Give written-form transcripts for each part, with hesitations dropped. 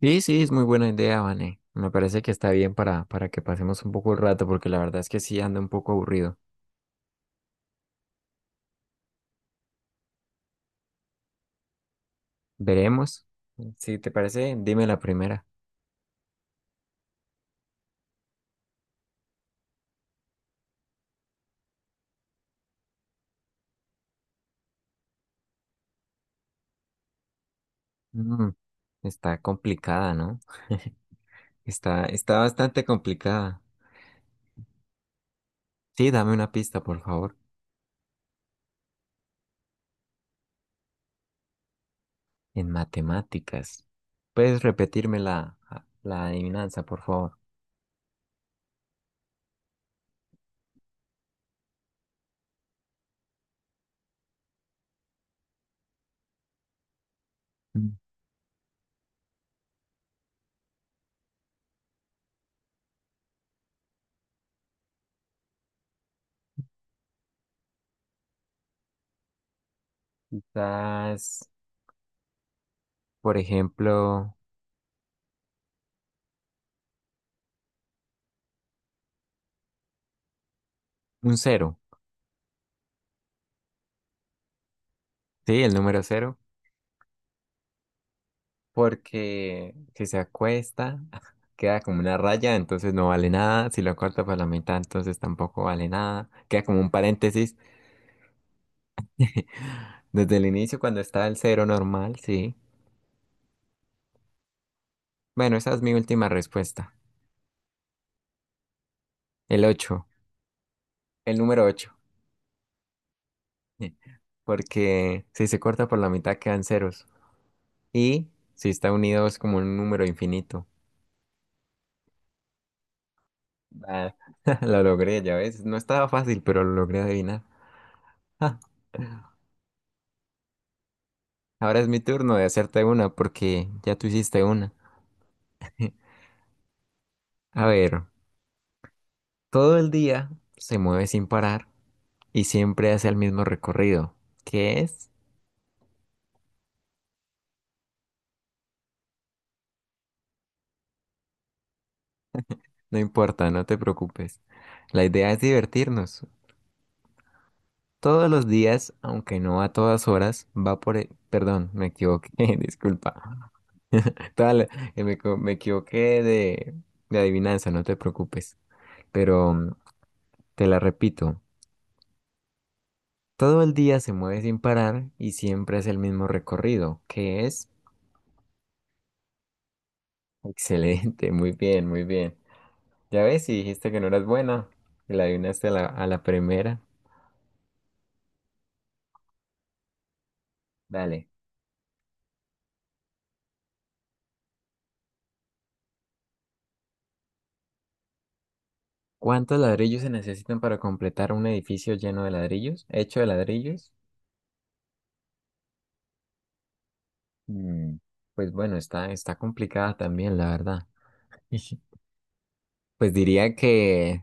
Sí, es muy buena idea, Vane. Me parece que está bien para que pasemos un poco el rato, porque la verdad es que sí ando un poco aburrido. Veremos. Si te parece, dime la primera. Mm, está complicada, ¿no? Está bastante complicada. Sí, dame una pista, por favor. En matemáticas. ¿Puedes repetirme la adivinanza, por favor? Mm. Quizás, por ejemplo, un cero. Sí, el número cero. Porque si se acuesta, queda como una raya, entonces no vale nada. Si lo corta por la mitad, entonces tampoco vale nada. Queda como un paréntesis. Desde el inicio, cuando está el cero normal, sí. Bueno, esa es mi última respuesta. El 8 el número ocho. Porque si se corta por la mitad, quedan ceros. Y si está unido, es como un número infinito. Ah, lo logré, ya ves. No estaba fácil, pero lo logré adivinar. Ahora es mi turno de hacerte una porque ya tú hiciste una. A ver, todo el día se mueve sin parar y siempre hace el mismo recorrido. ¿Qué es? No importa, no te preocupes. La idea es divertirnos. Todos los días, aunque no a todas horas, va por... Perdón, me equivoqué, disculpa. Tal, Me equivoqué de adivinanza, no te preocupes. Pero te la repito. Todo el día se mueve sin parar y siempre es el mismo recorrido, que es excelente, muy bien, muy bien. Ya ves, si dijiste que no eras buena, y la adivinaste a a la primera. Dale. ¿Cuántos ladrillos se necesitan para completar un edificio lleno de ladrillos? ¿Hecho de ladrillos? Mm, pues bueno, está complicada también, la verdad. Pues diría que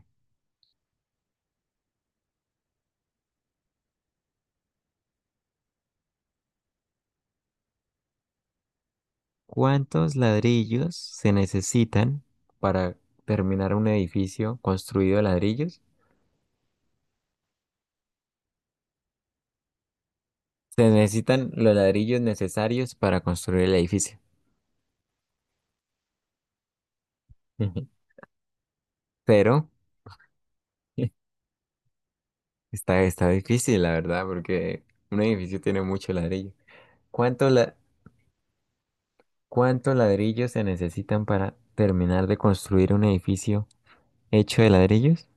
¿cuántos ladrillos se necesitan para terminar un edificio construido de ladrillos? Se necesitan los ladrillos necesarios para construir el edificio. Ujú. Pero está difícil, la verdad, porque un edificio tiene mucho ladrillo. ¿Cuántos la- ¿Cuántos ladrillos se necesitan para terminar de construir un edificio hecho de ladrillos?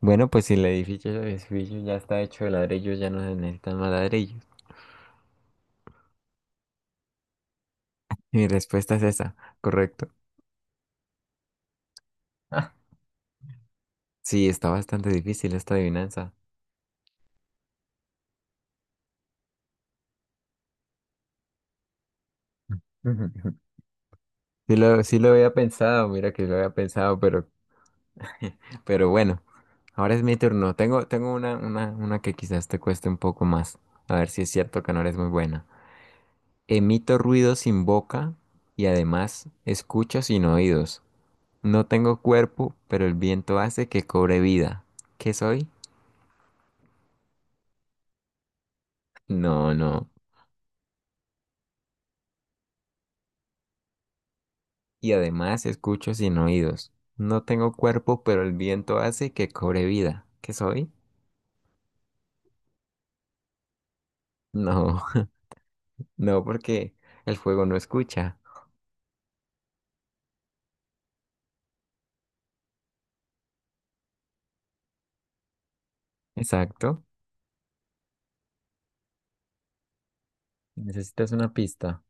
Bueno, pues si el edificio, el edificio ya está hecho de ladrillos, ya no se necesitan más ladrillos. Mi respuesta es esa, correcto. Ah, sí, está bastante difícil esta adivinanza. Ujú. Sí lo había pensado, mira que lo había pensado, pero bueno, ahora es mi turno. Tengo una que quizás te cueste un poco más. A ver si es cierto que no eres muy buena. Emito ruido sin boca y además escucho sin oídos. No tengo cuerpo, pero el viento hace que cobre vida. ¿Qué soy? No. Y además escucho sin oídos. No tengo cuerpo, pero el viento hace que cobre vida. ¿Qué soy? No, no, porque el fuego no escucha. Exacto. Necesitas una pista.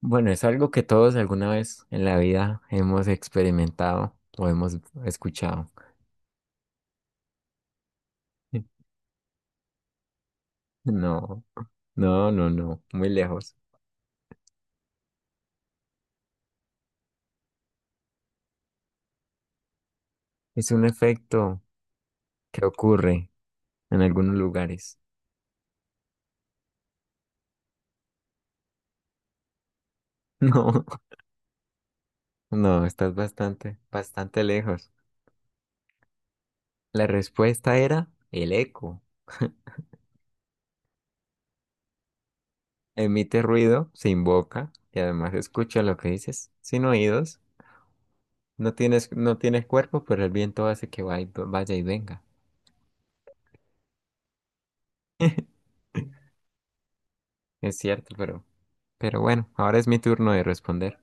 Bueno, es algo que todos alguna vez en la vida hemos experimentado o hemos escuchado. No, no, no, no, muy lejos. Es un efecto que ocurre en algunos lugares. No, no, estás bastante lejos. La respuesta era el eco. Emite ruido se invoca y además escucha lo que dices sin oídos. No tienes cuerpo, pero el viento hace que vaya y venga. Es cierto, pero... Pero bueno, ahora es mi turno de responder.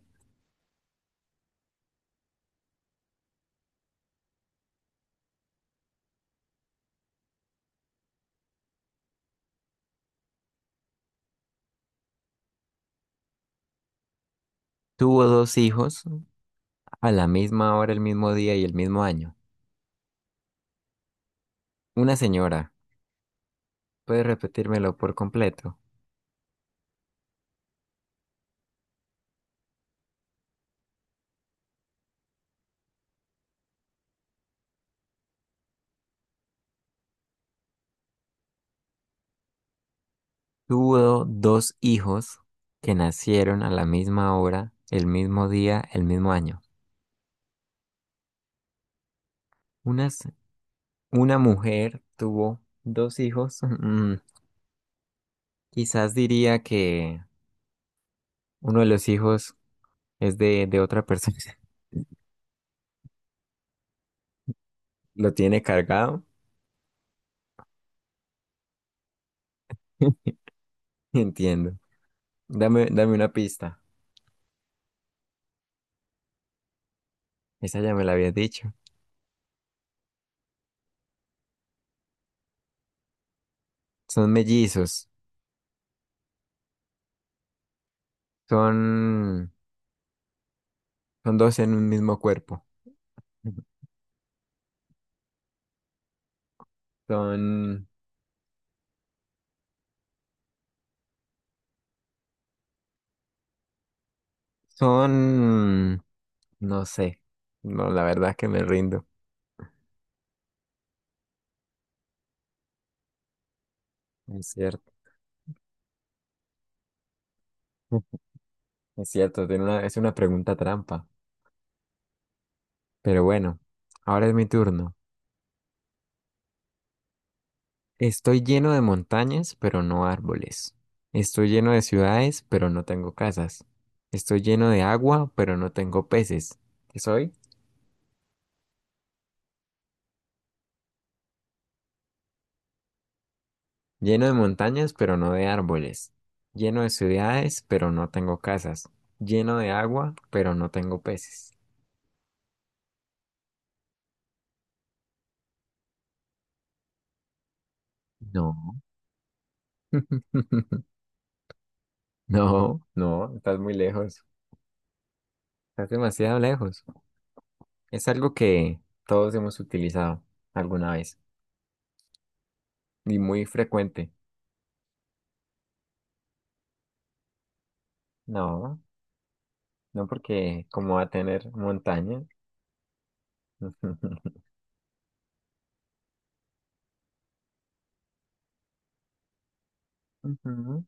Tuvo dos hijos a la misma hora, el mismo día y el mismo año. Una señora, ¿Puedes repetírmelo por completo? Tuvo dos hijos que nacieron a la misma hora, el mismo día, el mismo año. Una, se- una mujer tuvo dos hijos. Mm, quizás diría que uno de los hijos es de otra persona. Lo tiene cargado. Entiendo. Dame una pista. Esa ya me la habías dicho. Son mellizos, son, son dos en un mismo cuerpo. Son, son, no sé. No, la verdad que me rindo. Es cierto, es cierto, es una pregunta trampa. Pero bueno, ahora es mi turno. Estoy lleno de montañas, pero no árboles. Estoy lleno de ciudades, pero no tengo casas. Estoy lleno de agua, pero no tengo peces. ¿Qué soy? Lleno de montañas, pero no de árboles. Lleno de ciudades, pero no tengo casas. Lleno de agua, pero no tengo peces. No, no, no, estás muy lejos. Estás demasiado lejos. Es algo que todos hemos utilizado alguna vez y muy frecuente. No, no porque como va a tener montaña. Ujú.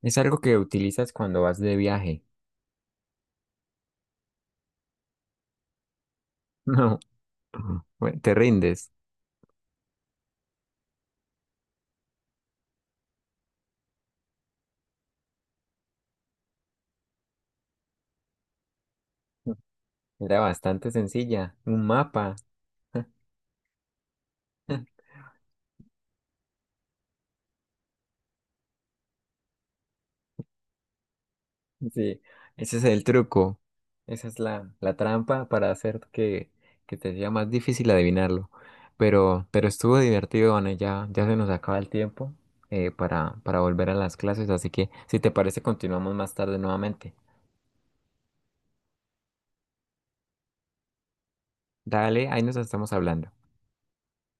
Es algo que utilizas cuando vas de viaje. No, bueno, te rindes. Era bastante sencilla. Un mapa. Sí, ese es el truco. Esa es la trampa para hacer que te sea más difícil adivinarlo. Pero estuvo divertido, Ana. Ya se nos acaba el tiempo para volver a las clases. Así que, si te parece, continuamos más tarde nuevamente. Dale, ahí nos estamos hablando.